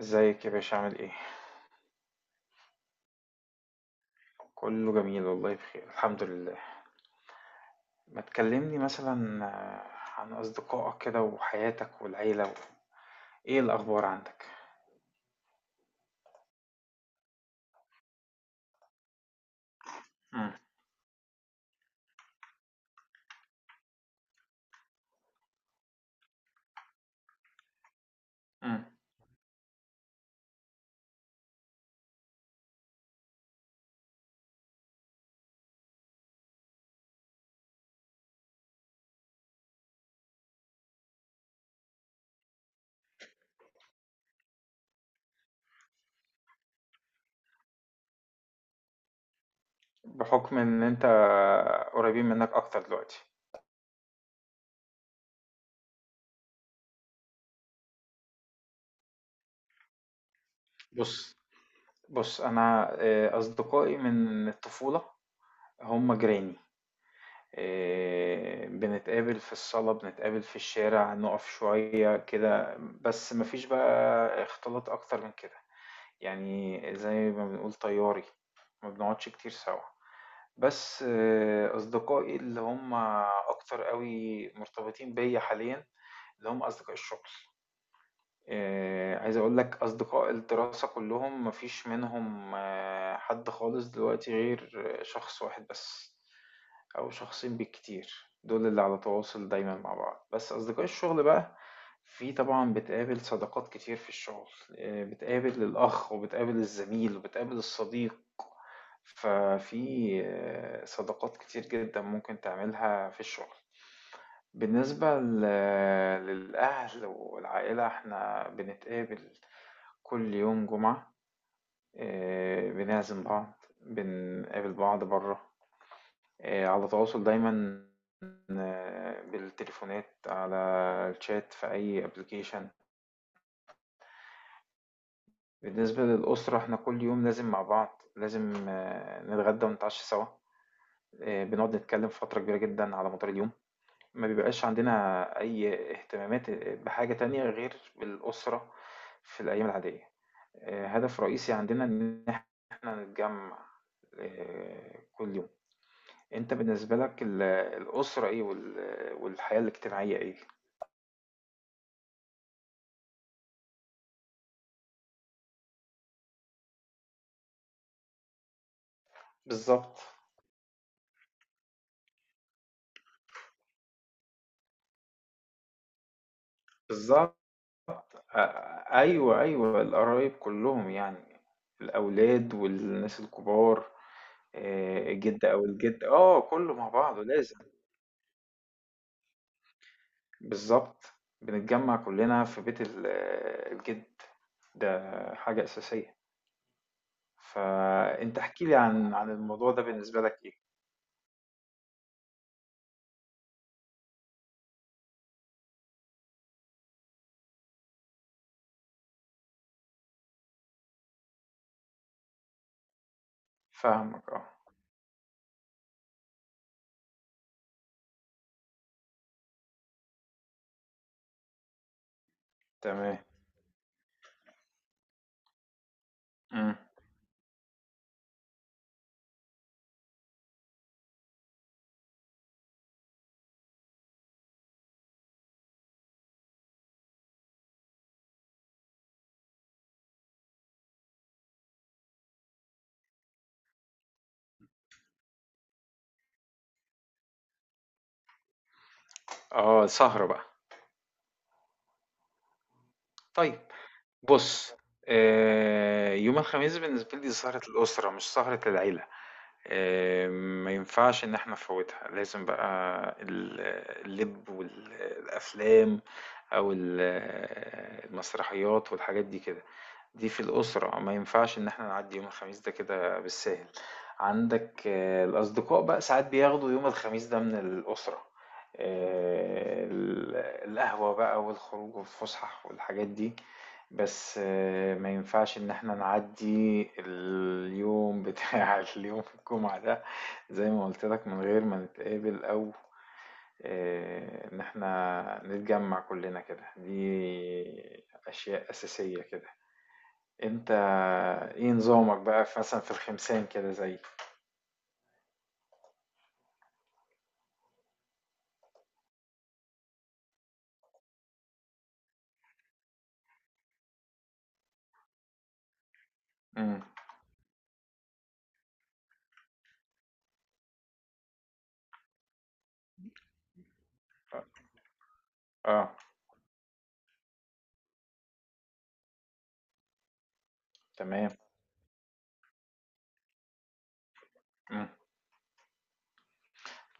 ازيك يا باشا عامل ايه؟ كله جميل والله بخير الحمد لله. ما تكلمني مثلا عن اصدقائك كده وحياتك والعيلة ايه الاخبار عندك؟ مم. مم. بحكم ان انت قريبين منك اكتر دلوقتي. بص، بص، انا اصدقائي من الطفولة هم جيراني، بنتقابل في الصالة، بنتقابل في الشارع، نقف شوية كده، بس مفيش بقى اختلاط اكتر من كده، يعني زي ما بنقول طياري، ما بنقعدش كتير سوا. بس أصدقائي اللي هم أكتر قوي مرتبطين بيا حاليا، اللي هم أصدقاء الشغل. عايز أقول لك أصدقاء الدراسة كلّهم ما فيش منهم حد خالص دلوقتي غير شخص واحد بس، أو شخصين بالكتير، دول اللي على تواصل دايمًا مع بعض. بس أصدقاء الشغل بقى، في طبعًا بتقابل صداقات كتير في الشغل، بتقابل الأخ وبتقابل الزميل وبتقابل الصديق، ففي صداقات كتير جدًا ممكن تعملها في الشغل. بالنسبة للأهل والعائلة احنا بنتقابل كل يوم جمعة، بنعزم بعض، بنقابل بعض بره، على تواصل دايما، بالتليفونات، على الشات، في أي ابلكيشن. بالنسبة للأسرة احنا كل يوم لازم مع بعض، لازم نتغدى ونتعشى سوا، بنقعد نتكلم فترة كبيرة جدا على مدار اليوم. ما بيبقاش عندنا أي اهتمامات بحاجة تانية غير الأسرة في الأيام العادية. هدف رئيسي عندنا إن إحنا نتجمع كل يوم. أنت بالنسبة لك الأسرة إيه والحياة الاجتماعية إيه؟ بالظبط، بالظبط. أيوه، أيوه، القرايب كلهم يعني، الأولاد والناس الكبار، الجد أو الجد كله مع بعضه لازم. بالضبط، بنتجمّع كلّنا في بيت الجد، ده حاجة أساسية. فأنت احكِ لي عن الموضوع ده بالنسبة لك إيه؟ فاهمك. تمام. إمم. سهرة بقى. طيب. بُص، يوم الخميس بالنسبة لي سهرة الأسرة، مش سهرة العيلة، آآ ما ينفعش إن إحنا نفوّتها، لازم بقى ال اللِب والأفلام، أو المسرحيات والحاجات دي كده، دي في الأسرة ما ينفعش إن إحنا نعدّي يوم الخميس ده كده بالساهل. عندك الأصدقاء بقى ساعات بياخدوا يوم الخميس ده من الأسرة، ال القهوة بقى والخروج والفُسح والحاجات دي، بس ما ينفعش ان احنا نعدي اليوم بتاع اليوم الجمعة ده زي ما قلت لك، من غير ما نتقابل، او ان احنا نتجمع كلنا كده، دي اشياء اساسية كده. انت ايه نظامك بقى مثلا في الخمسين كده زي... امم. اه تمام. مم.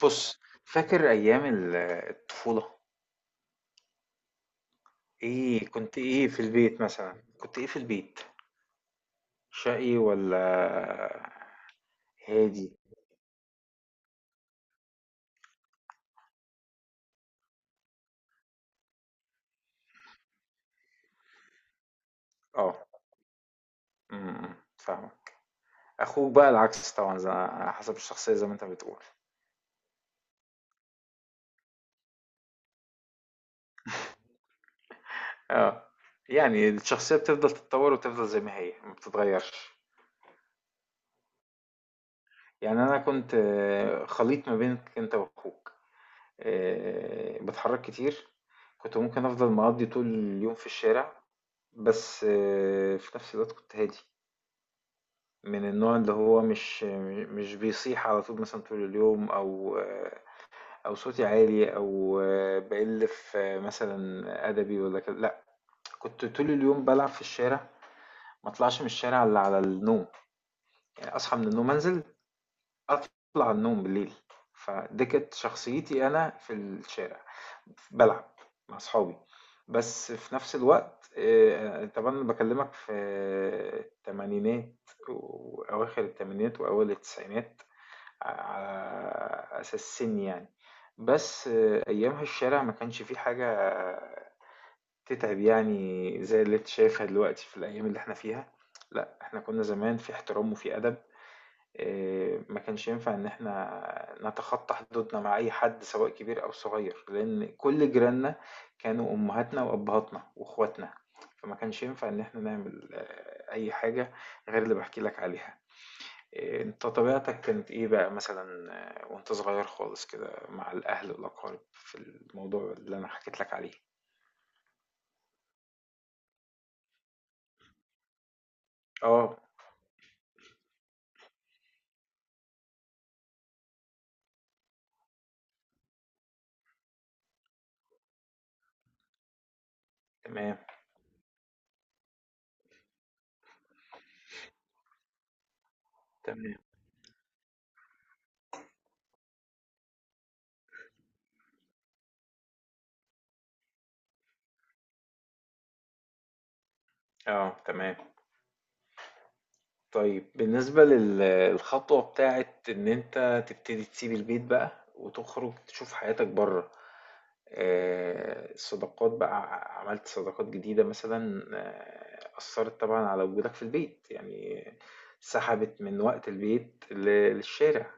بص، فاكر ايام الطفولة، ايه كنت ايه في البيت، شقي والّا هادي؟ آه، إمم، إمم، فاهمك. أخوك بقى العكس طبعًا، على حسب الشخصية زي ما أنت بتقول. آه، يعني الشخصية بتفضل تتطوّر وتفضل زي ما هي، ما بتتغيّرش. يعني أنا كنت خليط ما بينك أنت وأخوك، باتحرّك كتير، كنت ممكن أفضل مقضّي طول اليوم في الشارع، بس في نفس الوقت كنت هادي، من النوع اللي هو مش بيصيح على طول مثلًا طول اليوم، أو أو صوتي عالي، أو بقل في مثلا أدبي ولا كده، لأ. كنت طول اليوم بلعب في الشارع، ما أطلعش من الشارع إلا على النوم، يعني أصحى من النوم أنزل، أطلع النوم بالليل، فدي كانت شخصيتي أنا في الشارع، بلعب مع أصحابي. بس في نفس الوقت طبعا أنا بكلمك في التمانينات، وأواخر التمانينات وأول التسعينات، على أساس سن يعني. بس أيامها الشارع ما كانش فيه حاجة تتعب، يعني زي اللي أنت شايفها دلوقتي في الأيام اللي إحنا فيها، لأ إحنا كنا زمان في احترام وفي أدب. ما كانش ينفع إن إحنا نتخطى حدودنا مع أي حد، سواء كبير أو صغير، لأن كل جيراننا كانوا أمهاتنا وأبهاتنا وأخواتنا، فما كانش ينفع إن إحنا نعمل أي حاجة غير اللي باحكي لك عليها. إيه، انت طبيعتك كانت ايه بقى مثلا وانت صغير خالص كده، مع الاهل والاقارب، في الموضوع اللي انا حكيت لك عليه؟ اه تمام. تمام. اه تمام. طيب، بالنسبة للخطوة بتاعت ان انت تبتدي تسيب البيت بقى وتخرج تشوف حياتك بره، الصداقات بقى عملت صداقات جديدة مثلا، أثرت طبعا على وجودك في البيت، يعني سحبت من وقت البيت للشارع،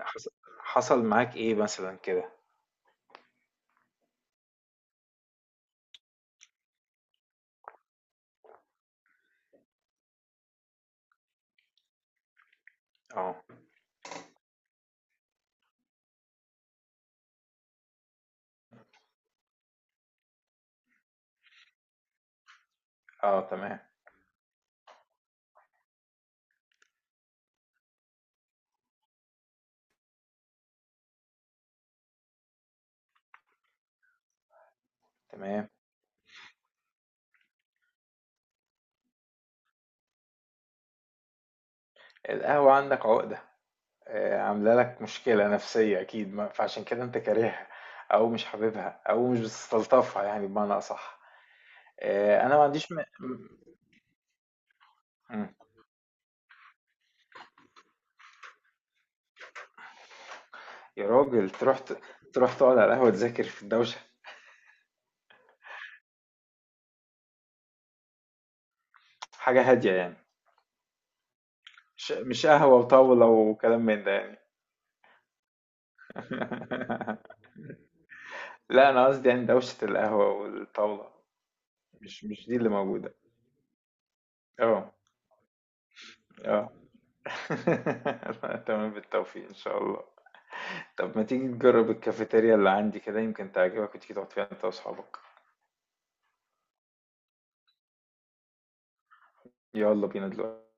حص- حصل معاك ايه مثلا كده؟ اه. اه تمام. تمام. القهوة عندك عقدة، عاملة لك مشكلة نفسية اكيد، فعشان كده انت كارهها، او مش حاببها، او مش بتستلطفها، يعني بمعنى اصح. انا ما عنديش م... م... م. يا راجل، تروح تروح تقعد على القهوة تذاكر في الدوشة؟ حاجة هادية يعني، مش قهوة وطاولة وكلام من ده يعني؟ لا انا قصدي يعني دوشة القهوة والطاولة، مش دي اللي موجودة. اه. اه. تمام، بالتوفيق إن شاء الله. طب ما تيجي تجرب الكافيتيريا اللي عندي كده، يمكن تعجبك وتيجي تقعد فيها أنت وأصحابك. يلا بينا دلوقتي.